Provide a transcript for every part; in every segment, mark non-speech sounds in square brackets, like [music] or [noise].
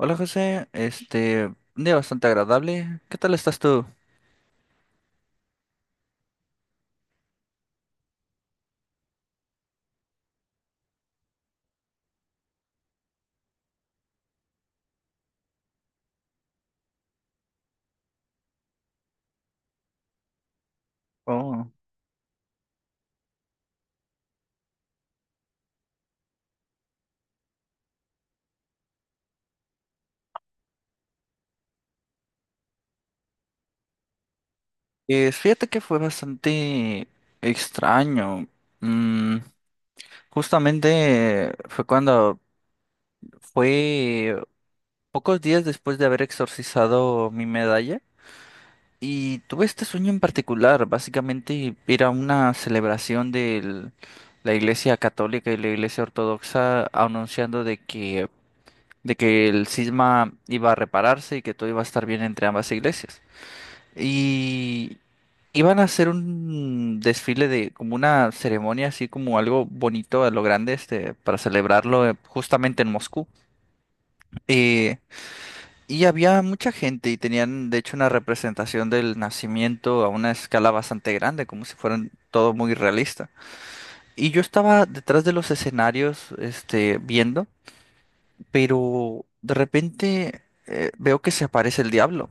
Hola José, un día bastante agradable. ¿Qué tal estás tú? Fíjate que fue bastante extraño. Mm, Justamente fue cuando fue pocos días después de haber exorcizado mi medalla y tuve este sueño en particular. Básicamente era una celebración de la Iglesia Católica y la Iglesia Ortodoxa anunciando de que el cisma iba a repararse y que todo iba a estar bien entre ambas iglesias. Y iban a hacer un desfile de como una ceremonia, así como algo bonito a lo grande, para celebrarlo justamente en Moscú. Eh, y había mucha gente y tenían, de hecho, una representación del nacimiento a una escala bastante grande, como si fueran todo muy realista. Y yo estaba detrás de los escenarios, viendo, pero de repente veo que se aparece el diablo.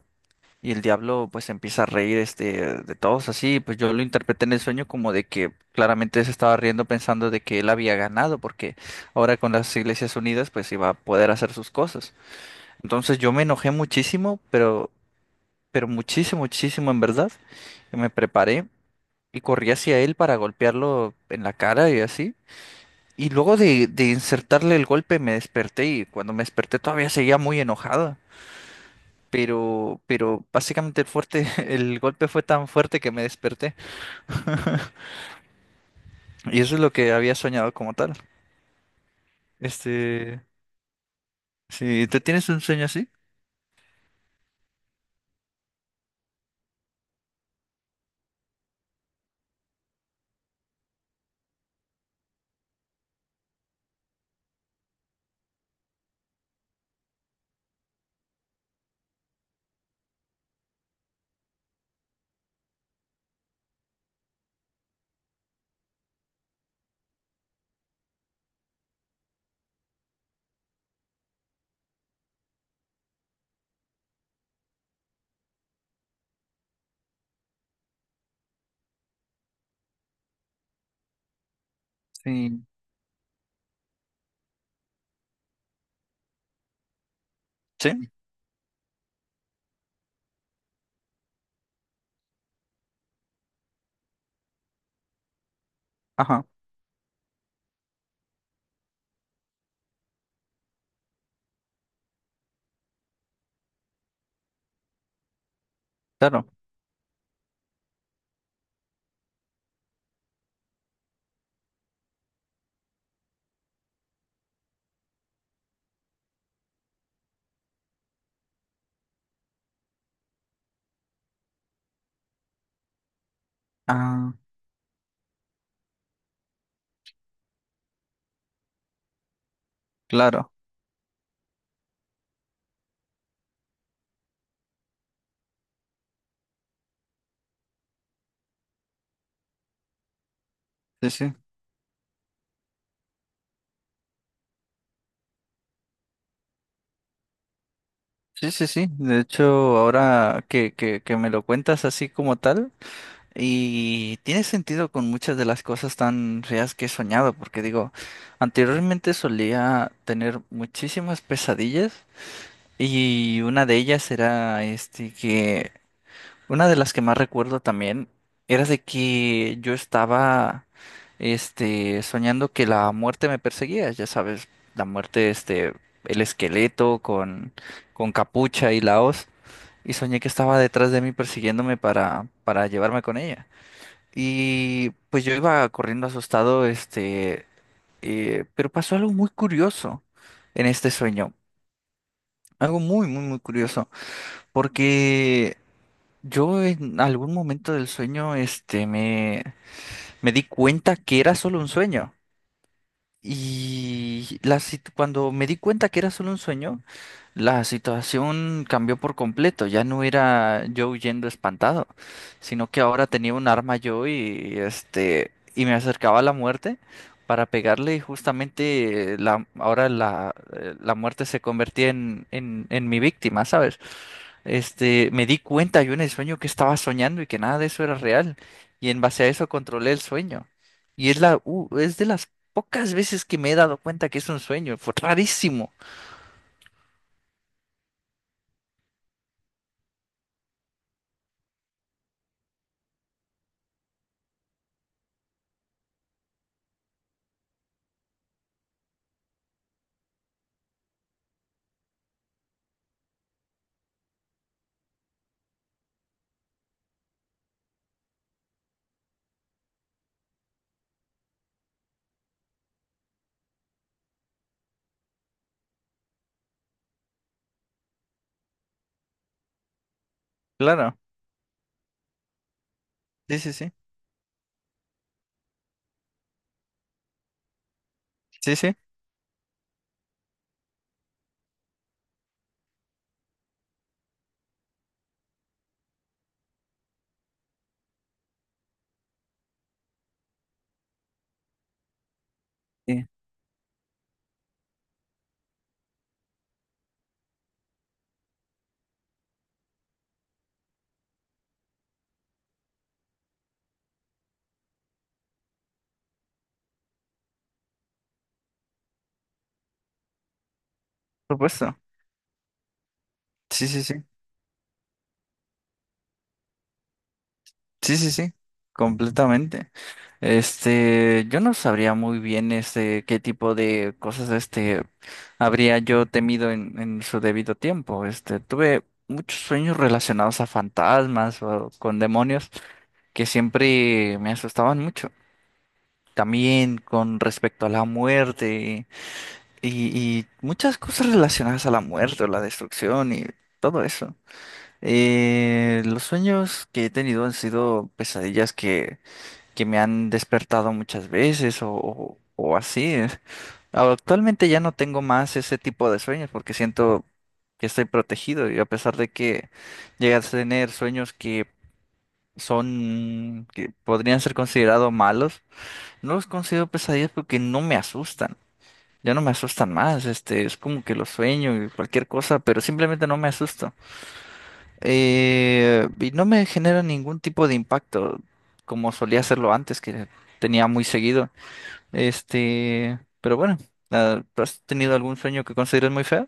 Y el diablo pues empieza a reír de todos así, pues yo lo interpreté en el sueño como de que claramente se estaba riendo pensando de que él había ganado porque ahora con las Iglesias Unidas pues iba a poder hacer sus cosas. Entonces yo me enojé muchísimo, pero muchísimo, muchísimo en verdad. Y me preparé y corrí hacia él para golpearlo en la cara y así. Y luego de insertarle el golpe me desperté y cuando me desperté todavía seguía muy enojado, pero básicamente el fuerte, [laughs] el golpe fue tan fuerte que me desperté. Y eso es lo que había soñado como tal. Este, sí, ¿te tienes un sueño así? Sí. Sí, ajá, claro. Ah, claro. Sí, sí. Sí, sí, sí. De hecho, ahora que me lo cuentas así como tal, y tiene sentido con muchas de las cosas tan feas que he soñado, porque digo, anteriormente solía tener muchísimas pesadillas. Y una de ellas era este que una de las que más recuerdo también era de que yo estaba soñando que la muerte me perseguía, ya sabes, la muerte el esqueleto con capucha y la hoz, y soñé que estaba detrás de mí persiguiéndome para llevarme con ella. Y pues yo iba corriendo asustado pero pasó algo muy curioso en este sueño, algo muy muy muy curioso. Porque yo en algún momento del sueño, me di cuenta que era solo un sueño. Y cuando me di cuenta que era solo un sueño, la situación cambió por completo. Ya no era yo huyendo espantado, sino que ahora tenía un arma yo y y me acercaba a la muerte para pegarle y justamente la muerte se convertía en mi víctima, ¿sabes? Me di cuenta yo en el sueño que estaba soñando y que nada de eso era real. Y en base a eso controlé el sueño. Y es es de las pocas veces que me he dado cuenta que es un sueño. Fue rarísimo. Claro. Sí, sí, sí. Sí, sí. Sí, por supuesto. Sí, sí, sí. Sí, sí, sí, completamente. Yo no sabría muy bien qué tipo de cosas habría yo temido en su debido tiempo. Tuve muchos sueños relacionados a fantasmas o con demonios que siempre me asustaban mucho. También con respecto a la muerte y muchas cosas relacionadas a la muerte o la destrucción y todo eso. Los sueños que he tenido han sido pesadillas que me han despertado muchas veces o así. Actualmente ya no tengo más ese tipo de sueños porque siento que estoy protegido y a pesar de que llegas a tener sueños que son, que podrían ser considerados malos, no los considero pesadillas porque no me asustan. Ya no me asustan más, es como que los sueño y cualquier cosa, pero simplemente no me asusto. Y no me genera ningún tipo de impacto como solía hacerlo antes, que tenía muy seguido. Pero bueno, ¿has tenido algún sueño que consideres muy feo?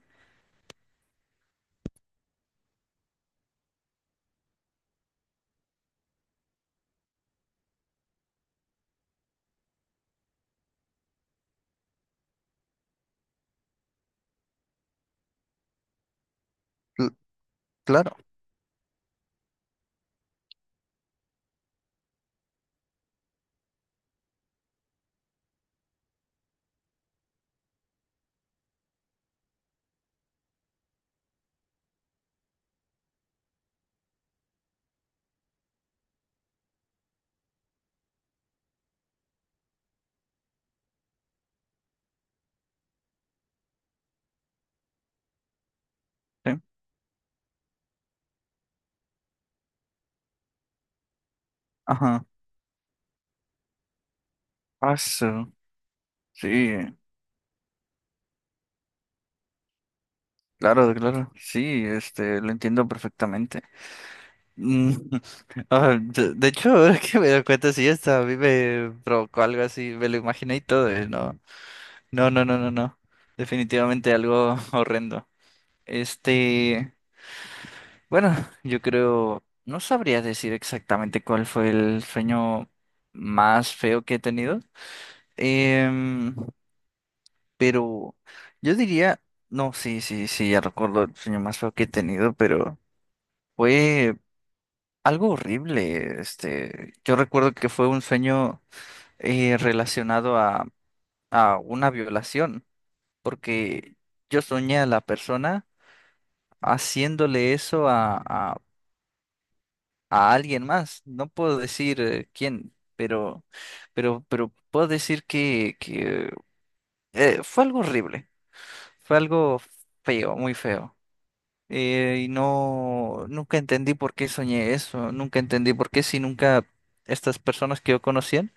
Cl- claro, sí. Ajá. Paso. Sí, claro, claro. Sí, lo entiendo perfectamente. Mm, [laughs] de hecho, ahora que me doy cuenta, sí, esta a mí me provocó algo así, me lo imaginé y todo. No, no, no, no, no, no. Definitivamente algo [laughs] horrendo. Este. Bueno, yo creo, no sabría decir exactamente cuál fue el sueño más feo que he tenido. Em, pero yo diría, no, sí, sí, sí, ya recuerdo el sueño más feo que he tenido, pero fue algo horrible. Yo recuerdo que fue un sueño relacionado a una violación, porque yo soñé a la persona haciéndole eso a alguien más. No puedo decir quién, pero puedo decir que fue algo horrible, fue algo feo, muy feo. Y no, nunca entendí por qué soñé eso, nunca entendí por qué si nunca estas personas que yo conocían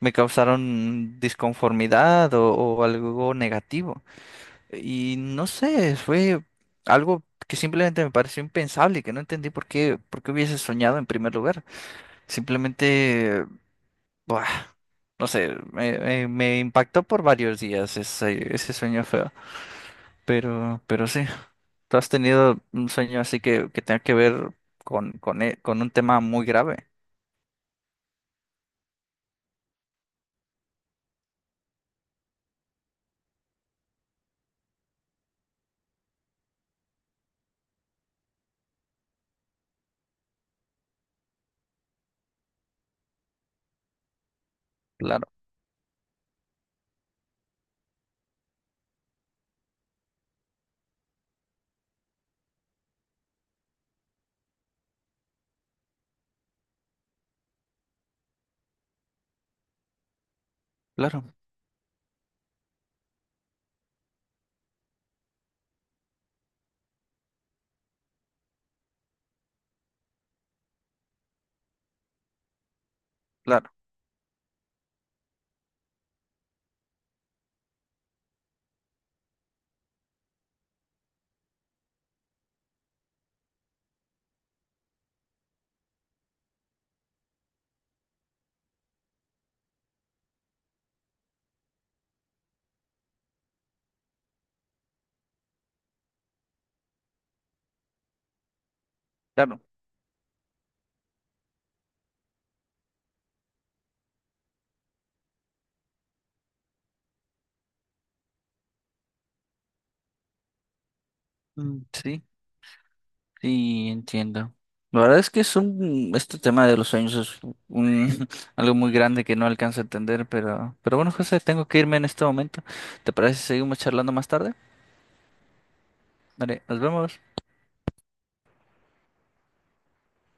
me causaron disconformidad o algo negativo. Y no sé, fue algo que simplemente me pareció impensable y que no entendí por qué hubiese soñado en primer lugar. Simplemente, buah, no sé, me impactó por varios días ese sueño feo. Pero sí, ¿tú has tenido un sueño así que tenga que ver con un tema muy grave? Claro, claro, claro, claro. Sí, sí, entiendo. La verdad es que es este tema de los sueños es un, [laughs] algo muy grande que no alcanzo a entender, pero bueno, José, tengo que irme en este momento. ¿Te parece si seguimos charlando más tarde? Vale, nos vemos.